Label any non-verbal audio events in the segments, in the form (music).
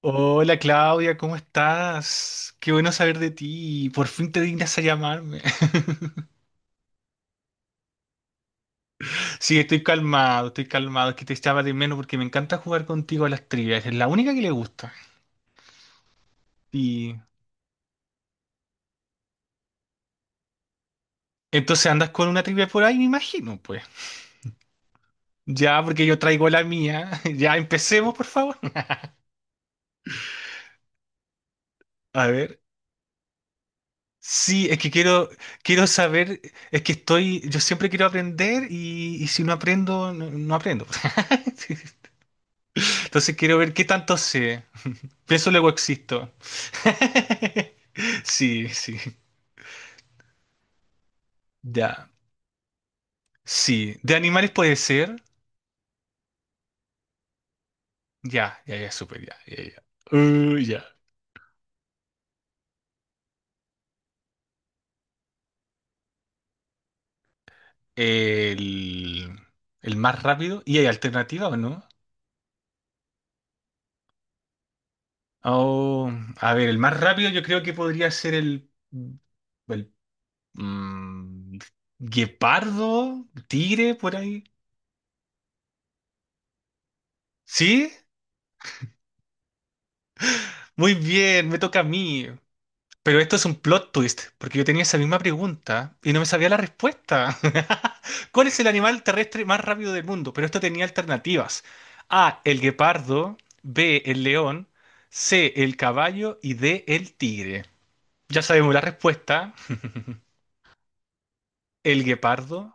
Hola Claudia, ¿cómo estás? Qué bueno saber de ti. Por fin te dignas a llamarme. (laughs) Sí, estoy calmado, estoy calmado. Es que te echaba de menos porque me encanta jugar contigo a las trivias. Es la única que le gusta. Y entonces andas con una trivia por ahí, me imagino, pues. Ya, porque yo traigo la mía. (laughs) Ya empecemos, por favor. A ver. Sí, es que quiero saber, es que yo siempre quiero aprender y si no aprendo, no, no aprendo. (laughs) Entonces quiero ver qué tanto sé. Pienso luego existo. (laughs) Sí, sí. Ya. Sí. De animales puede ser. Ya, ya, ya, súper, ya, ya, ya. Ya. El, el más rápido. ¿Y hay alternativa o no? Oh, a ver, el más rápido yo creo que podría ser el. mm, guepardo, tigre, por ahí. ¿Sí? Muy bien, me toca a mí. Pero esto es un plot twist, porque yo tenía esa misma pregunta y no me sabía la respuesta. (laughs) ¿Cuál es el animal terrestre más rápido del mundo? Pero esto tenía alternativas. A, el guepardo, B, el león, C, el caballo y D, el tigre. Ya sabemos la respuesta, el guepardo.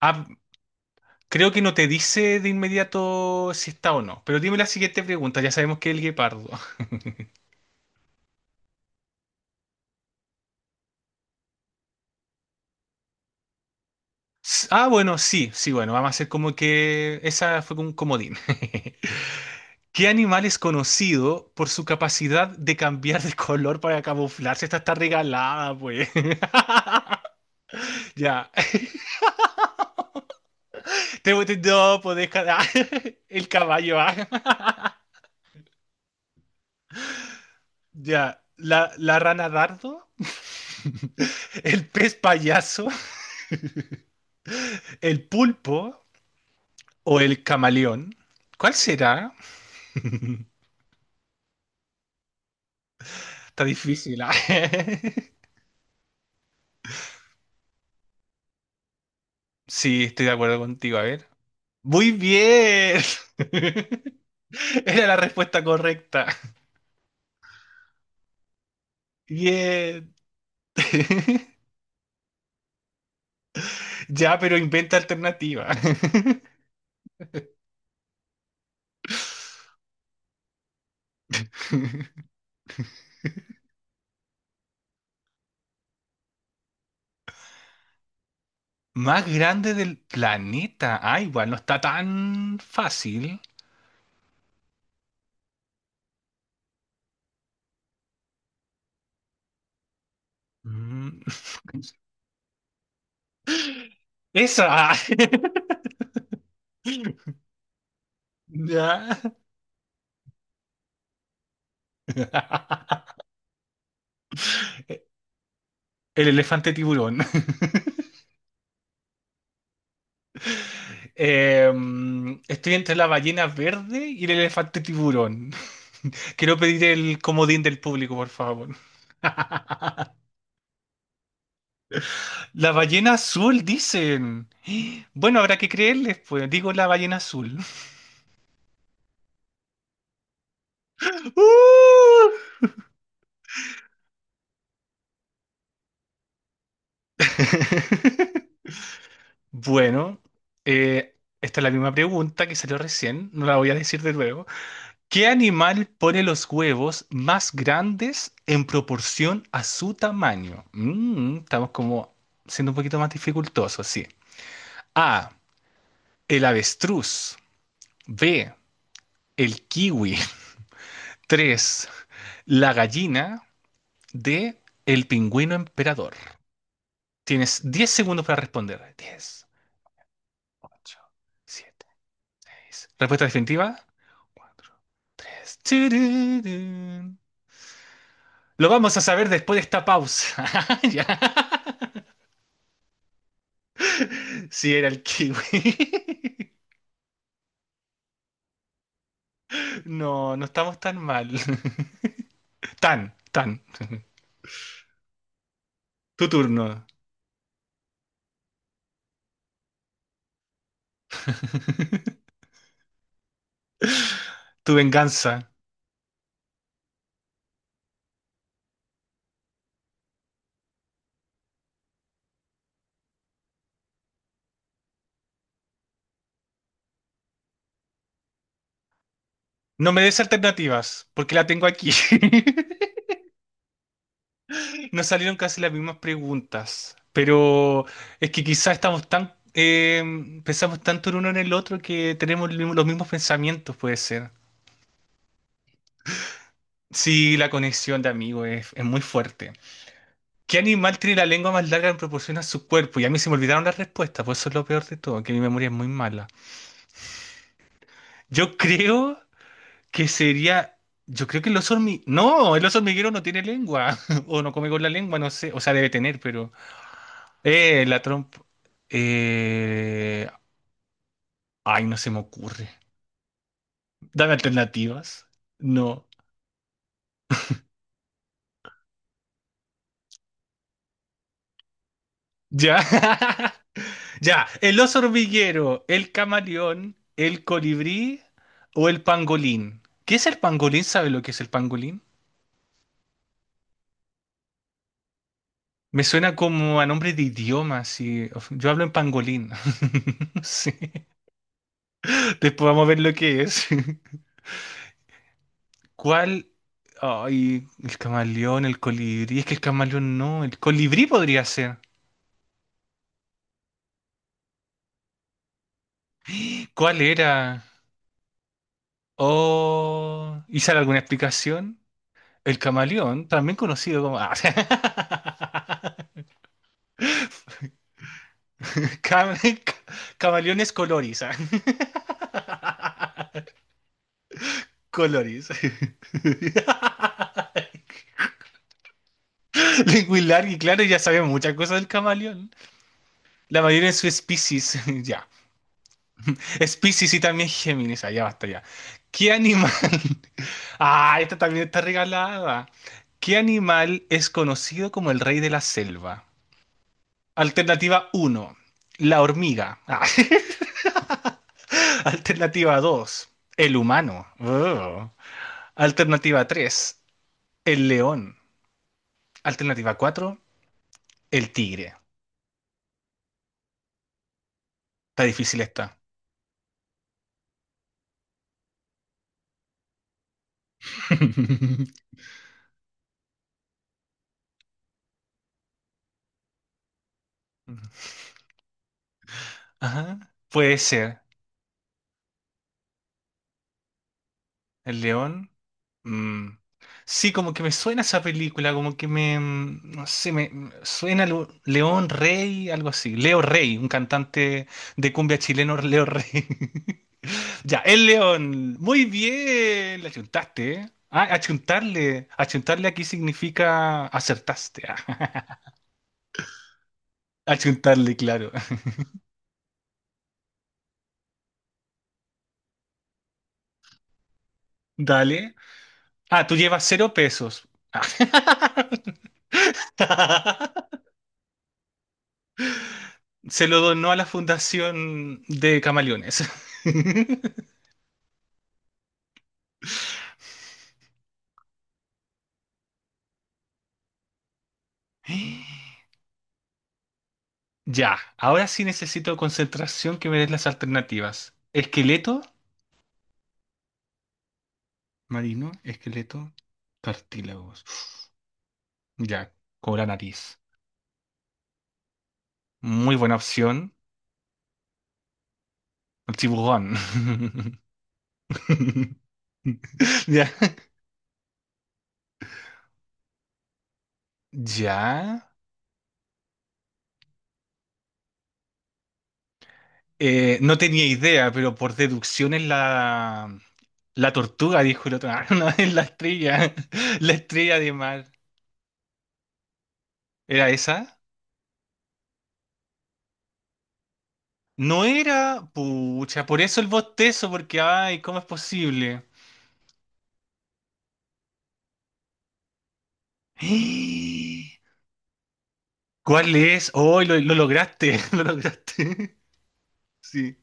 Ah, creo que no te dice de inmediato si está o no, pero dime la siguiente pregunta, ya sabemos que es el guepardo. Ah, bueno, sí, sí, bueno, vamos a hacer como que esa fue como un comodín. (laughs) ¿Qué animal es conocido por su capacidad de cambiar de color para camuflarse? Esta está regalada, pues. (laughs) Ya. Te voy a no, pues deja. (laughs) El caballo. Ya. La rana dardo, el pez payaso, el pulpo o el camaleón. ¿Cuál será? Está difícil. (laughs) Sí, estoy de acuerdo contigo. A ver. Muy bien. (laughs) Era la respuesta correcta. Bien. (laughs) Ya, pero inventa alternativa. (laughs) Más grande del planeta. Ah, igual no está tan fácil. Mm. (laughs) Esa. (laughs) Ya. (laughs) El elefante tiburón. (laughs) Estoy entre la ballena verde y el elefante tiburón. (laughs) Quiero pedir el comodín del público, por favor. La ballena azul, dicen. (gasps) Bueno, habrá que creerles, pues. Digo la ballena azul. (laughs) ¡Uh! (laughs) Bueno, esta es la misma pregunta que salió recién, no la voy a decir de nuevo. ¿Qué animal pone los huevos más grandes en proporción a su tamaño? Estamos como siendo un poquito más dificultosos, sí. A, el avestruz. B, el kiwi. (laughs) 3, la gallina. D, el pingüino emperador. Tienes 10 segundos para responder. 10, 8, 7, 6. Respuesta definitiva. 4, Tururún. Lo vamos a saber después de esta pausa. (laughs) Ya. Sí, era el kiwi. (laughs) No, no estamos tan mal. (laughs) Tan, tan. Tu turno, tu venganza. No me des alternativas, porque la tengo aquí. (laughs) Nos salieron casi las mismas preguntas, pero es que quizás estamos pensamos tanto en uno en el otro que tenemos los mismos pensamientos, puede ser. Sí, la conexión de amigos es muy fuerte. ¿Qué animal tiene la lengua más larga en proporción a su cuerpo? Y a mí se me olvidaron las respuestas. Por eso es lo peor de todo, que mi memoria es muy mala. Yo creo que sería. Yo creo que el oso hormiguero. No, el oso hormiguero no tiene lengua. (laughs) O no come con la lengua, no sé. O sea, debe tener, pero. La trompa. Eh... Ay, no se me ocurre. Dame alternativas. No. Ya. (laughs) Ya, el oso hormiguero, el camaleón, el colibrí o el pangolín. ¿Qué es el pangolín? ¿Sabe lo que es el pangolín? Me suena como a nombre de idioma, sí. Yo hablo en pangolín. (laughs) Sí. Después vamos a ver lo que es. (laughs) ¿Cuál? Ay, el camaleón, el colibrí. Es que el camaleón no, el colibrí podría ser. ¿Cuál era? Oh, ¿y sale alguna explicación? El camaleón, también conocido como... (laughs) Ah. Cam- (laughs) camaleones coloris. (laughs) Coloris. (laughs) Linguilar y claro, ya sabemos muchas cosas del camaleón. La mayoría de su especies. (laughs) Ya. Especies y también Géminis. Ya basta ya. ¿Qué animal? (laughs) Ah, esta también está regalada. ¿Qué animal es conocido como el rey de la selva? Alternativa uno, la hormiga. Ah, (laughs) Alternativa 2, el humano. Oh. Alternativa tres, el león. Alternativa 4, el tigre. Está difícil esta. (laughs) Ajá. Puede ser. El león. Mm. Sí, como que me suena esa película, como que no sé, me suena León Rey, algo así. Leo Rey, un cantante de cumbia chileno, Leo Rey. (laughs) Ya, el león. Muy bien, le achuntaste, ¿eh? Ah, achuntarle. Achuntarle aquí significa acertaste. (laughs) Ah. Achuntarle, claro. (laughs) Dale. Ah, tú llevas 0 pesos. (laughs) Se lo donó a la fundación de camaleones. (laughs) Ya, ahora sí necesito concentración que me des las alternativas. Esqueleto, marino, esqueleto, cartílagos. Ya, con la nariz. Muy buena opción. El tiburón. (laughs) Ya. Ya. No tenía idea, pero por deducción es la tortuga, dijo el otro. (laughs) Ah, no, es la estrella. La estrella de mar. ¿Era esa? No era, pucha, por eso el bostezo, porque, ay, ¿cómo es posible? (gasps) ¿Cuál es? Oh, lo lograste, (laughs) lo lograste. Sí.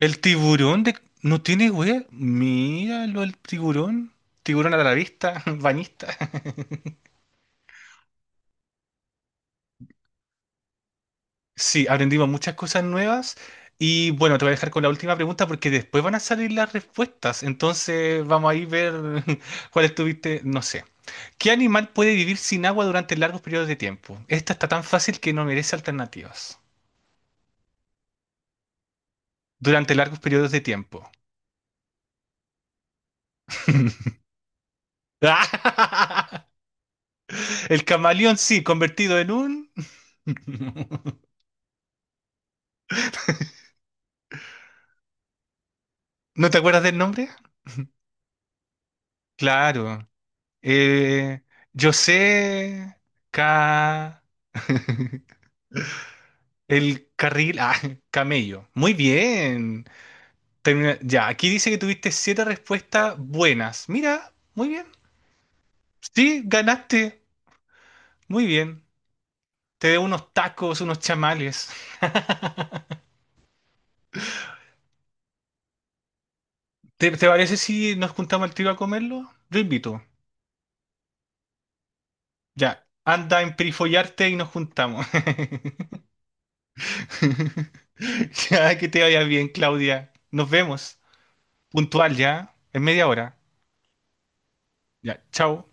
El tiburón de... ¿No tiene web? Míralo, el tiburón. Tiburón a la vista, (laughs) banista. Sí, aprendimos muchas cosas nuevas. Y bueno, te voy a dejar con la última pregunta porque después van a salir las respuestas. Entonces vamos a ir ver (laughs) cuál estuviste, no sé. ¿Qué animal puede vivir sin agua durante largos periodos de tiempo? Esta está tan fácil que no merece alternativas. Durante largos periodos de tiempo. (laughs) El camaleón, sí, convertido en un... (laughs) ¿No te acuerdas del nombre? Claro. Eh, yo sé... Ca... (laughs) El carril... Ah, camello. Muy bien. Ya, aquí dice que tuviste siete respuestas buenas. Mira, muy bien. Sí, ganaste. Muy bien. Te debo unos tacos, unos chamales. ¿Te parece si nos juntamos al tiro a comerlo? Yo invito. Ya, anda en perifollarte y nos juntamos. (laughs) Ya, que te vaya bien, Claudia. Nos vemos. Puntual ya, en media hora. Ya, chao.